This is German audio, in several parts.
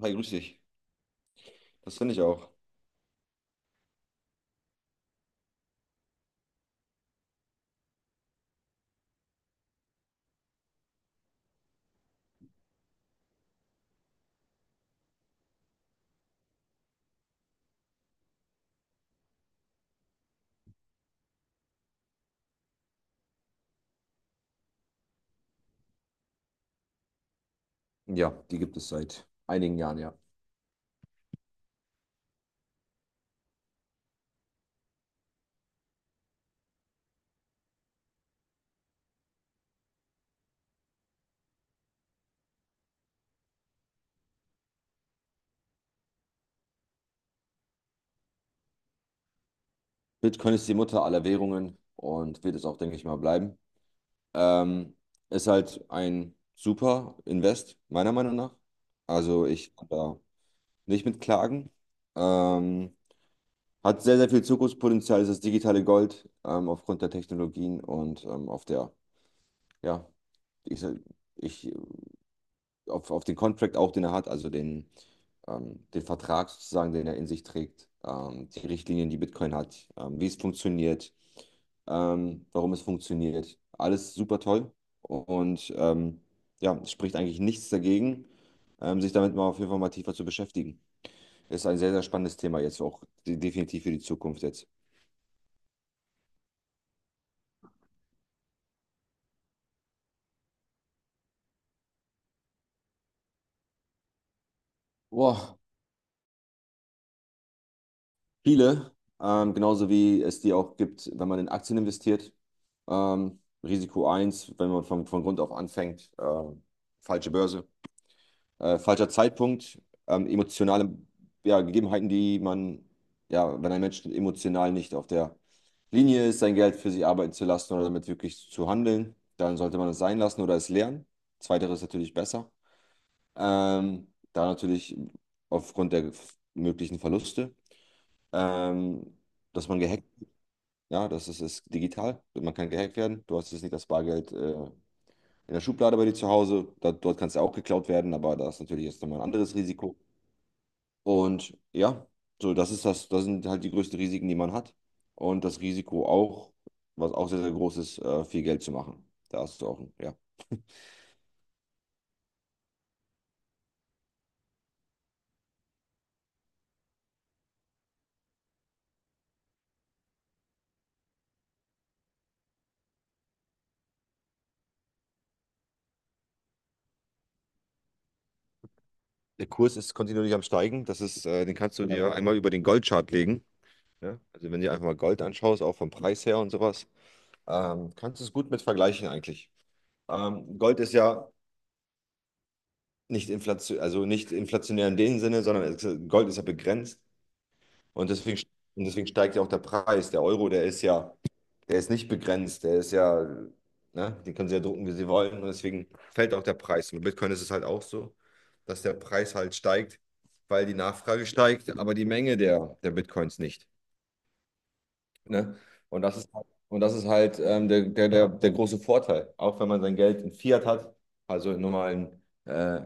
Hi, grüß dich. Das finde ich auch. Ja, die gibt es seit einigen Jahren, ja. Bitcoin ist die Mutter aller Währungen und wird es auch, denke ich mal, bleiben. Ähm, Ist halt ein super Invest, meiner Meinung nach. Also ich kann da nicht mit klagen. Ähm, Hat sehr, sehr viel Zukunftspotenzial, ist das digitale Gold, aufgrund der Technologien und auf der, ja, ich, sag- ich auf den Contract auch, den er hat, also den, den Vertrag sozusagen, den er in sich trägt, die Richtlinien, die Bitcoin hat, wie es funktioniert, warum es funktioniert. Alles super toll und ja, es spricht eigentlich nichts dagegen, sich damit mal auf jeden Fall mal tiefer zu beschäftigen. Ist ein sehr, sehr spannendes Thema jetzt auch, definitiv für die Zukunft jetzt. Boah, viele, genauso wie es die auch gibt, wenn man in Aktien investiert. Risiko eins: wenn man von Grund auf anfängt, falsche Börse, falscher Zeitpunkt, emotionale, ja, Gegebenheiten, die man, ja, wenn ein Mensch emotional nicht auf der Linie ist, sein Geld für sich arbeiten zu lassen oder damit wirklich zu handeln, dann sollte man es sein lassen oder es lernen. Zweiteres ist natürlich besser. Da natürlich aufgrund der möglichen Verluste. Ähm, dass man gehackt, ja, das ist, ist digital. Man kann gehackt werden. Du hast jetzt nicht das Bargeld in der Schublade bei dir zu Hause. Da, dort kannst du auch geklaut werden, aber da ist natürlich jetzt nochmal ein anderes Risiko. Und ja, so das ist das, das sind halt die größten Risiken, die man hat. Und das Risiko auch, was auch sehr, sehr groß ist, viel Geld zu machen. Da hast du auch, ja. Der Kurs ist kontinuierlich am Steigen. Das ist, den kannst du dir einmal über den Goldchart legen. Ja? Also wenn du dir einfach mal Gold anschaust, auch vom Preis her und sowas, kannst du es gut mit vergleichen eigentlich. Gold ist ja nicht inflation, also nicht inflationär in dem Sinne, sondern Gold ist ja begrenzt und deswegen, und deswegen steigt ja auch der Preis. Der Euro, der ist ja, der ist nicht begrenzt, der ist ja, ne, den können sie ja drucken, wie sie wollen, und deswegen fällt auch der Preis. Und bei Bitcoin ist es halt auch so, dass der Preis halt steigt, weil die Nachfrage steigt, aber die Menge der Bitcoins nicht. Ne? Und das ist halt der große Vorteil, auch wenn man sein Geld in Fiat hat, also in normalen äh,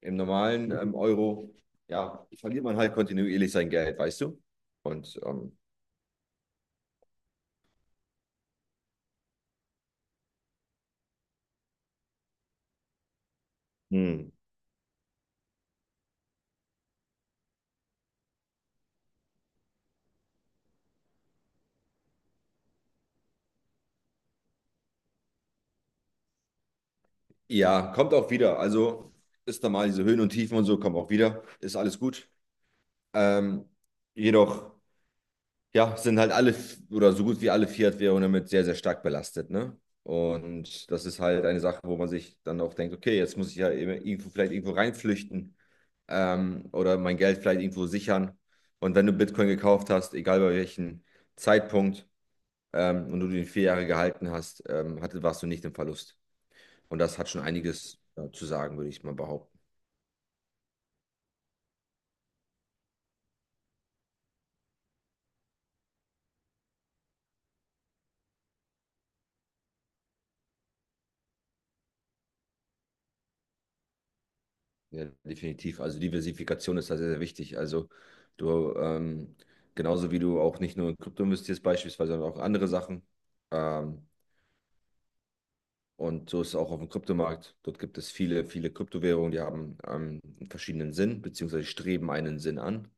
Im normalen Euro, ja, verliert man halt kontinuierlich sein Geld, weißt du? Und hm, ja, kommt auch wieder. Also ist normal, diese Höhen und Tiefen und so kommen auch wieder. Ist alles gut. Ähm, jedoch, ja, sind halt alle oder so gut wie alle Fiat-Währungen damit sehr, sehr stark belastet, ne? Und das ist halt eine Sache, wo man sich dann auch denkt, okay, jetzt muss ich ja eben irgendwo, vielleicht irgendwo reinflüchten, oder mein Geld vielleicht irgendwo sichern. Und wenn du Bitcoin gekauft hast, egal bei welchem Zeitpunkt, und du den 4 Jahre gehalten hast, warst du nicht im Verlust. Und das hat schon einiges zu sagen, würde ich mal behaupten. Ja, definitiv. Also Diversifikation ist da sehr, sehr wichtig. Also du, genauso wie du auch nicht nur in Krypto investierst beispielsweise, sondern auch andere Sachen. Ähm, und so ist es auch auf dem Kryptomarkt. Dort gibt es viele, viele Kryptowährungen, die haben einen verschiedenen Sinn, beziehungsweise streben einen Sinn an.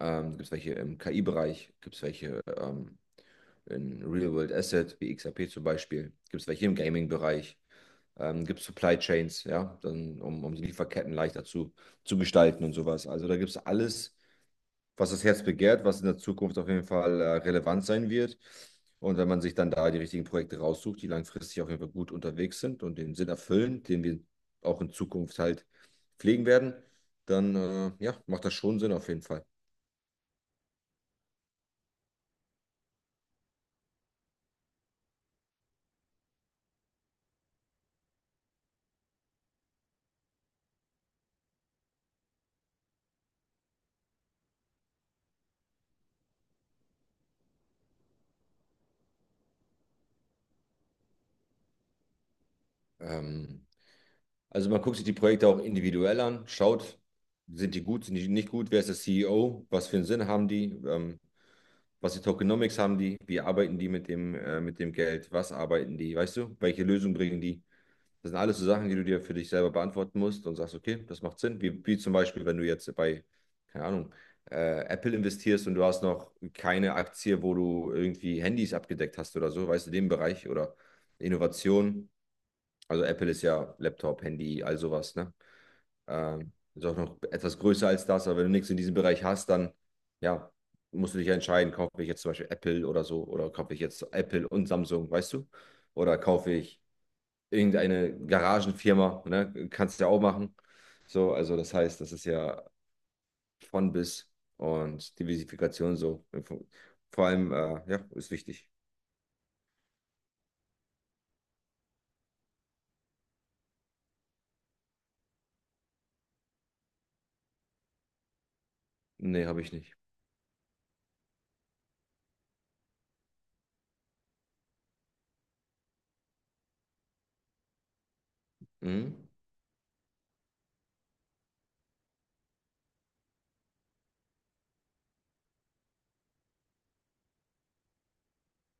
Gibt es welche im KI-Bereich, gibt es welche in Real World Asset, wie XRP zum Beispiel. Gibt es welche im Gaming-Bereich? Gibt es Supply Chains, ja, dann, um die Lieferketten leichter zu gestalten und sowas. Also da gibt es alles, was das Herz begehrt, was in der Zukunft auf jeden Fall relevant sein wird. Und wenn man sich dann da die richtigen Projekte raussucht, die langfristig auf jeden Fall gut unterwegs sind und den Sinn erfüllen, den wir auch in Zukunft halt pflegen werden, dann ja, macht das schon Sinn auf jeden Fall. Ähm, Also man guckt sich die Projekte auch individuell an, schaut, sind die gut, sind die nicht gut, wer ist der CEO, was für einen Sinn haben die, was für Tokenomics haben die, wie arbeiten die mit dem Geld, was arbeiten die, weißt du, welche Lösung bringen die? Das sind alles so Sachen, die du dir für dich selber beantworten musst und sagst, okay, das macht Sinn. Wie zum Beispiel, wenn du jetzt bei, keine Ahnung, Apple investierst und du hast noch keine Aktie, wo du irgendwie Handys abgedeckt hast oder so, weißt du, den Bereich oder Innovation. Also Apple ist ja Laptop, Handy, all sowas, ne? Ist auch noch etwas größer als das, aber wenn du nichts in diesem Bereich hast, dann ja, musst du dich ja entscheiden, kaufe ich jetzt zum Beispiel Apple oder so, oder kaufe ich jetzt Apple und Samsung, weißt du? Oder kaufe ich irgendeine Garagenfirma, ne? Kannst du ja auch machen. So, also das heißt, das ist ja von bis und Diversifikation so. Vor allem, ja, ist wichtig. Nee, habe ich nicht. Mhm.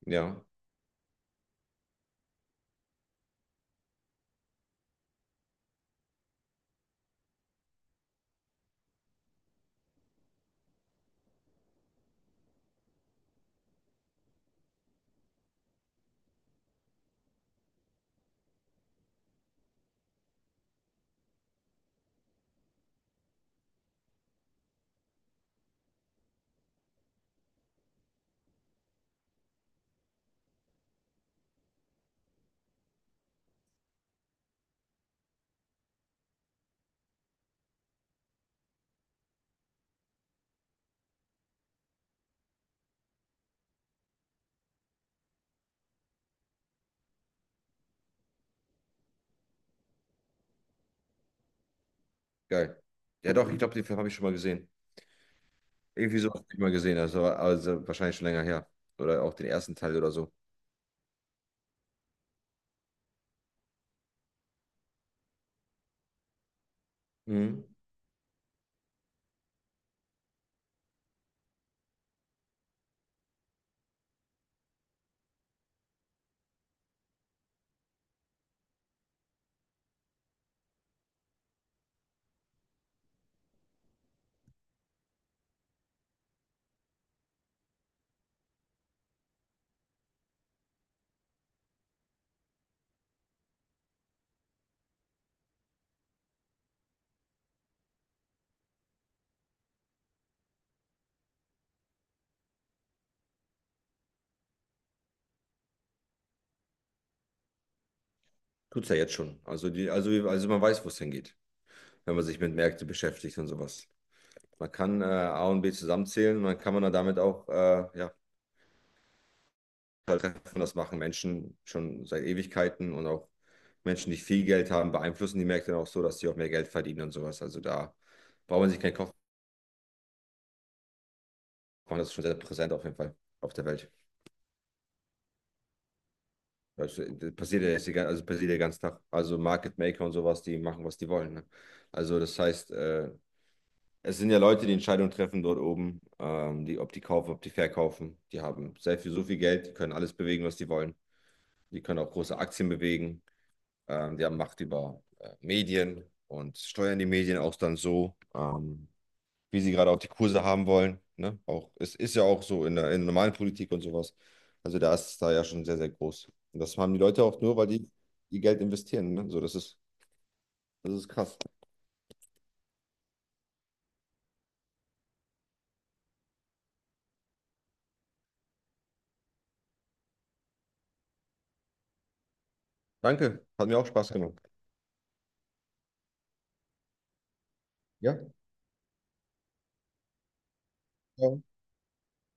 Ja, geil. Ja, doch, ich glaube, den Film habe ich schon mal gesehen. Irgendwie so nicht mal gesehen, habe. Das war also wahrscheinlich schon länger her. Oder auch den ersten Teil oder so. Mhm. Tut's ja jetzt schon. Also man weiß, wo es hingeht, wenn man sich mit Märkten beschäftigt und sowas. Man kann A und B zusammenzählen und dann kann man dann damit auch ja, halt treffen. Das machen Menschen schon seit Ewigkeiten und auch Menschen, die viel Geld haben, beeinflussen die Märkte dann auch so, dass sie auch mehr Geld verdienen und sowas. Also da braucht man sich keinen Kopf machen, das ist schon sehr präsent auf jeden Fall auf der Welt. Weißt du, das passiert ja jetzt also passiert ja den ganzen Tag. Also Market Maker und sowas, die machen, was die wollen. Ne? Also das heißt, es sind ja Leute, die Entscheidungen treffen dort oben, die, ob die kaufen, ob die verkaufen. Die haben sehr viel, so viel Geld, die können alles bewegen, was die wollen. Die können auch große Aktien bewegen. Die haben Macht über Medien und steuern die Medien auch dann so. Wie sie gerade auch die Kurse haben wollen. Ne? Auch, es ist ja auch so in in der normalen Politik und sowas. Also da ist es da ja schon sehr, sehr groß. Und das haben die Leute auch nur, weil die ihr Geld investieren. Ne? So, das ist krass. Danke, hat mir auch Spaß gemacht. Ja, ciao.